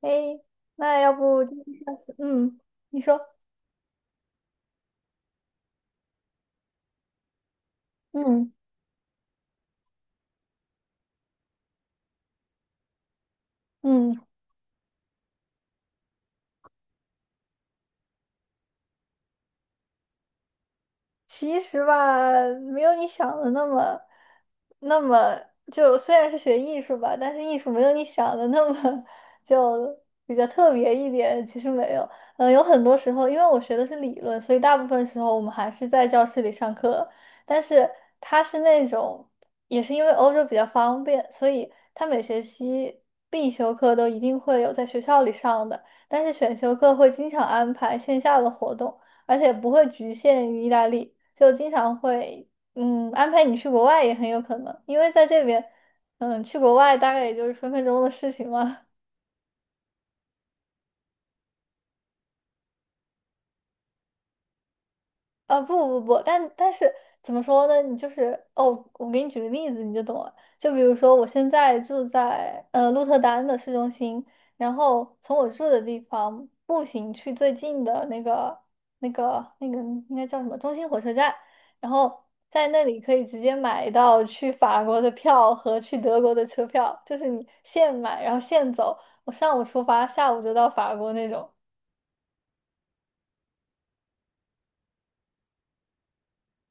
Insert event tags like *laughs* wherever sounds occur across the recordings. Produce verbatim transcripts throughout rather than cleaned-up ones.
哎，那要不就嗯，你说，嗯嗯。其实吧，没有你想的那么，那么就虽然是学艺术吧，但是艺术没有你想的那么 *laughs* 就比较特别一点。其实没有，嗯，有很多时候，因为我学的是理论，所以大部分时候我们还是在教室里上课。但是它是那种，也是因为欧洲比较方便，所以它每学期必修课都一定会有在学校里上的，但是选修课会经常安排线下的活动。而且不会局限于意大利。就经常会嗯安排你去国外也很有可能，因为在这边，嗯，去国外大概也就是分分钟的事情嘛。啊不不不，但但是怎么说呢？你就是哦，我给你举个例子你就懂了。就比如说，我现在住在呃鹿特丹的市中心，然后从我住的地方步行去最近的那个那个那个应该叫什么中心火车站，然后在那里可以直接买到去法国的票和去德国的车票，就是你现买然后现走，我上午出发，下午就到法国那种。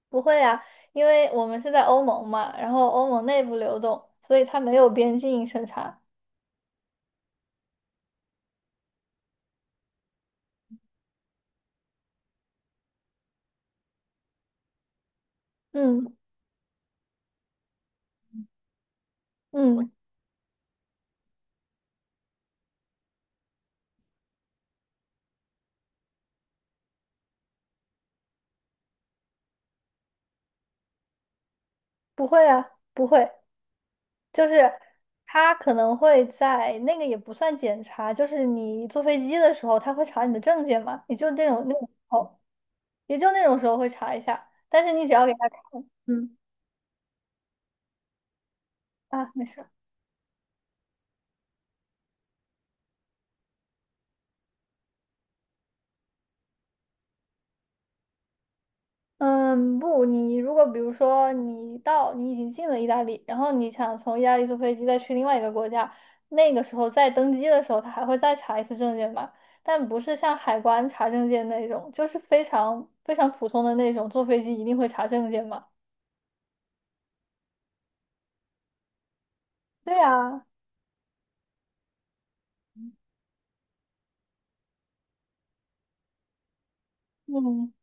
不会啊，因为我们是在欧盟嘛，然后欧盟内部流动，所以它没有边境审查。嗯嗯，不会啊，不会，就是他可能会在那个也不算检查，就是你坐飞机的时候，他会查你的证件嘛，也就那种那种时候，也就那种时候会查一下。但是你只要给他看，嗯啊，没事。嗯，不，你如果比如说你到你已经进了意大利，然后你想从意大利坐飞机再去另外一个国家，那个时候在登机的时候，他还会再查一次证件吧，但不是像海关查证件那种，就是非常非常普通的那种，坐飞机一定会查证件嘛。对啊，嗯，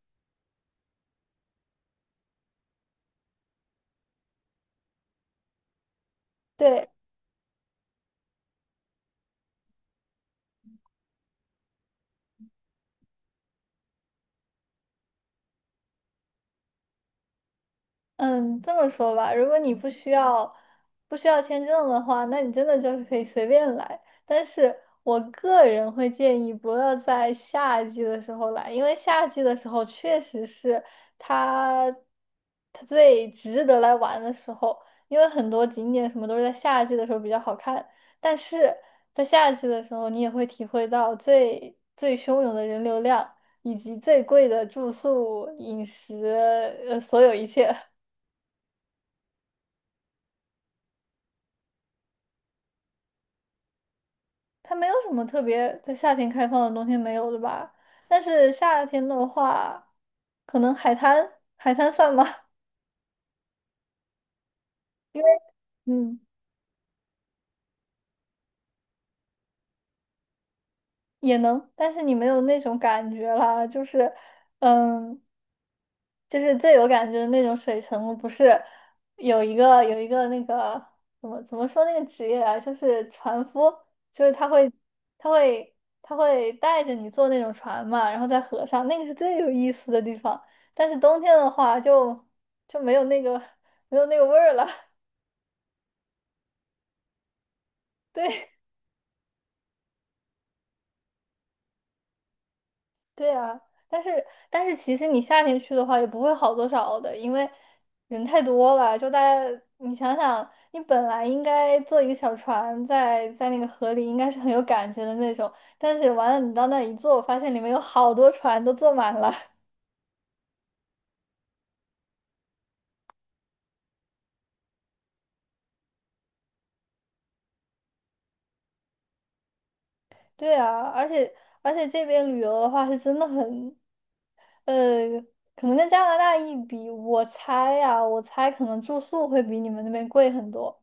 对。嗯，这么说吧，如果你不需要不需要签证的话，那你真的就是可以随便来。但是我个人会建议不要在夏季的时候来，因为夏季的时候确实是它它最值得来玩的时候，因为很多景点什么都是在夏季的时候比较好看。但是在夏季的时候，你也会体会到最最汹涌的人流量，以及最贵的住宿、饮食，呃，所有一切。它没有什么特别在夏天开放的，冬天没有的吧？但是夏天的话，可能海滩，海滩算吗？*laughs* 因为嗯。也能，但是你没有那种感觉啦，就是，嗯，就是最有感觉的那种水城，不是有一个有一个那个怎么怎么说那个职业啊，就是船夫，就是他会他会他会带着你坐那种船嘛，然后在河上，那个是最有意思的地方。但是冬天的话就就没有那个没有那个味儿了，*laughs* 对。对啊，但是但是其实你夏天去的话也不会好多少的，因为人太多了。就大家，你想想，你本来应该坐一个小船在在那个河里，应该是很有感觉的那种。但是完了，你到那一坐，发现里面有好多船都坐满了。*laughs* 对啊，而且而且这边旅游的话是真的很，呃，可能跟加拿大一比，我猜呀、我猜可能住宿会比你们那边贵很多。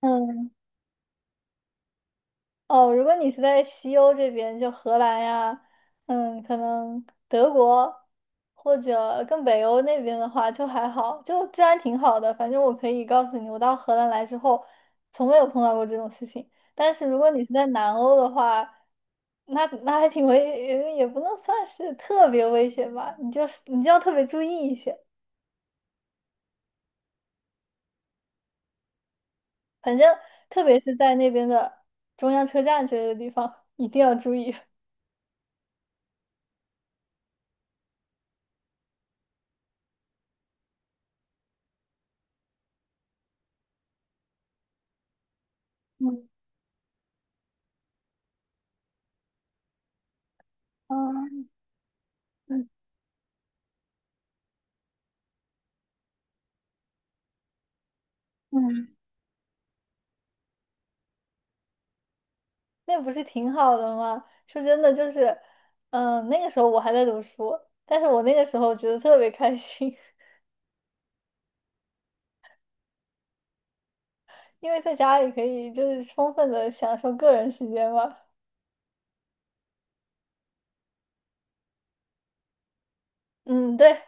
嗯。哦，如果你是在西欧这边，就荷兰呀，嗯，可能德国或者更北欧那边的话，就还好，就治安挺好的。反正我可以告诉你，我到荷兰来之后，从没有碰到过这种事情。但是如果你是在南欧的话，那那还挺危，也也不能算是特别危险吧，你就是你就要特别注意一些。反正特别是在那边的中央车站之类的地方，一定要注意。嗯嗯嗯。那不是挺好的吗？说真的，就是，嗯，那个时候我还在读书，但是我那个时候觉得特别开心，*laughs* 因为在家里可以就是充分的享受个人时间嘛。嗯，对，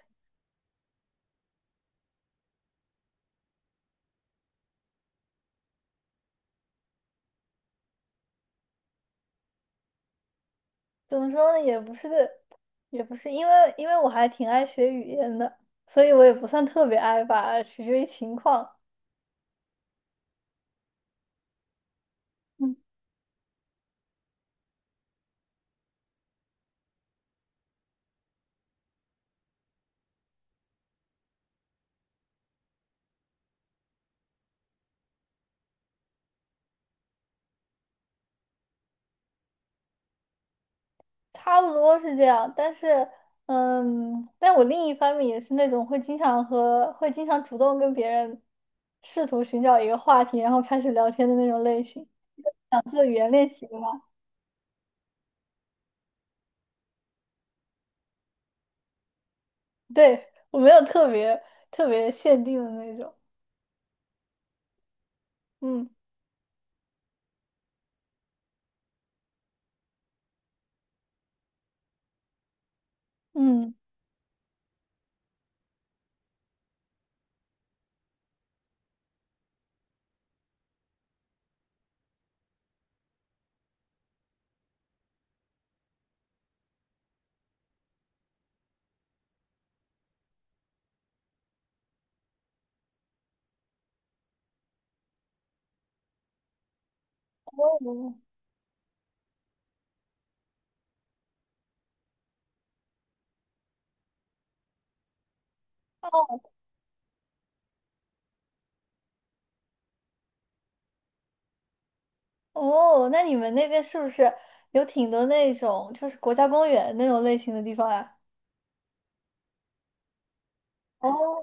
怎么说呢，也不是，也不是，因为因为我还挺爱学语言的，所以我也不算特别爱吧，取决于情况。嗯。差不多是这样，但是，嗯，但我另一方面也是那种会经常和会经常主动跟别人试图寻找一个话题，然后开始聊天的那种类型，想做语言练习的嘛。对，我没有特别特别限定的那种，嗯嗯，哦哦哦，那你们那边是不是有挺多那种就是国家公园那种类型的地方啊？哦，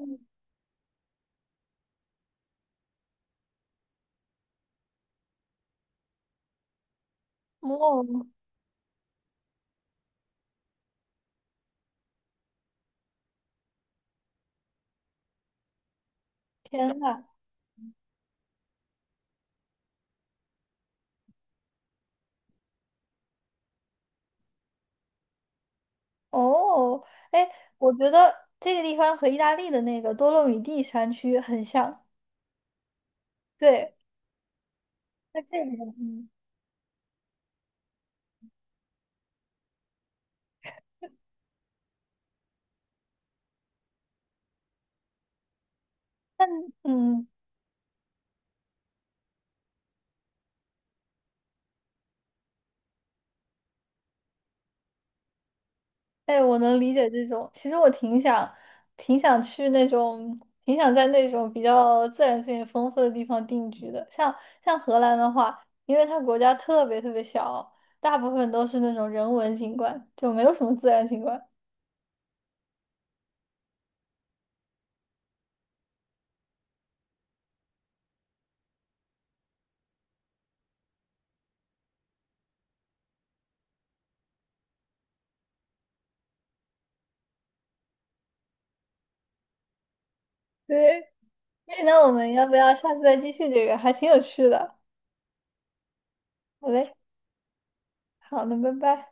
哦，天呐！哦，哎，我觉得这个地方和意大利的那个多洛米蒂山区很像。对，在这边，嗯，但嗯，哎，我能理解这种。其实我挺想，挺想去那种，挺想在那种比较自然资源丰富的地方定居的。像像荷兰的话，因为它国家特别特别小，大部分都是那种人文景观，就没有什么自然景观。对，那我们要不要下次再继续这个？还挺有趣的。好嘞，好的，拜拜。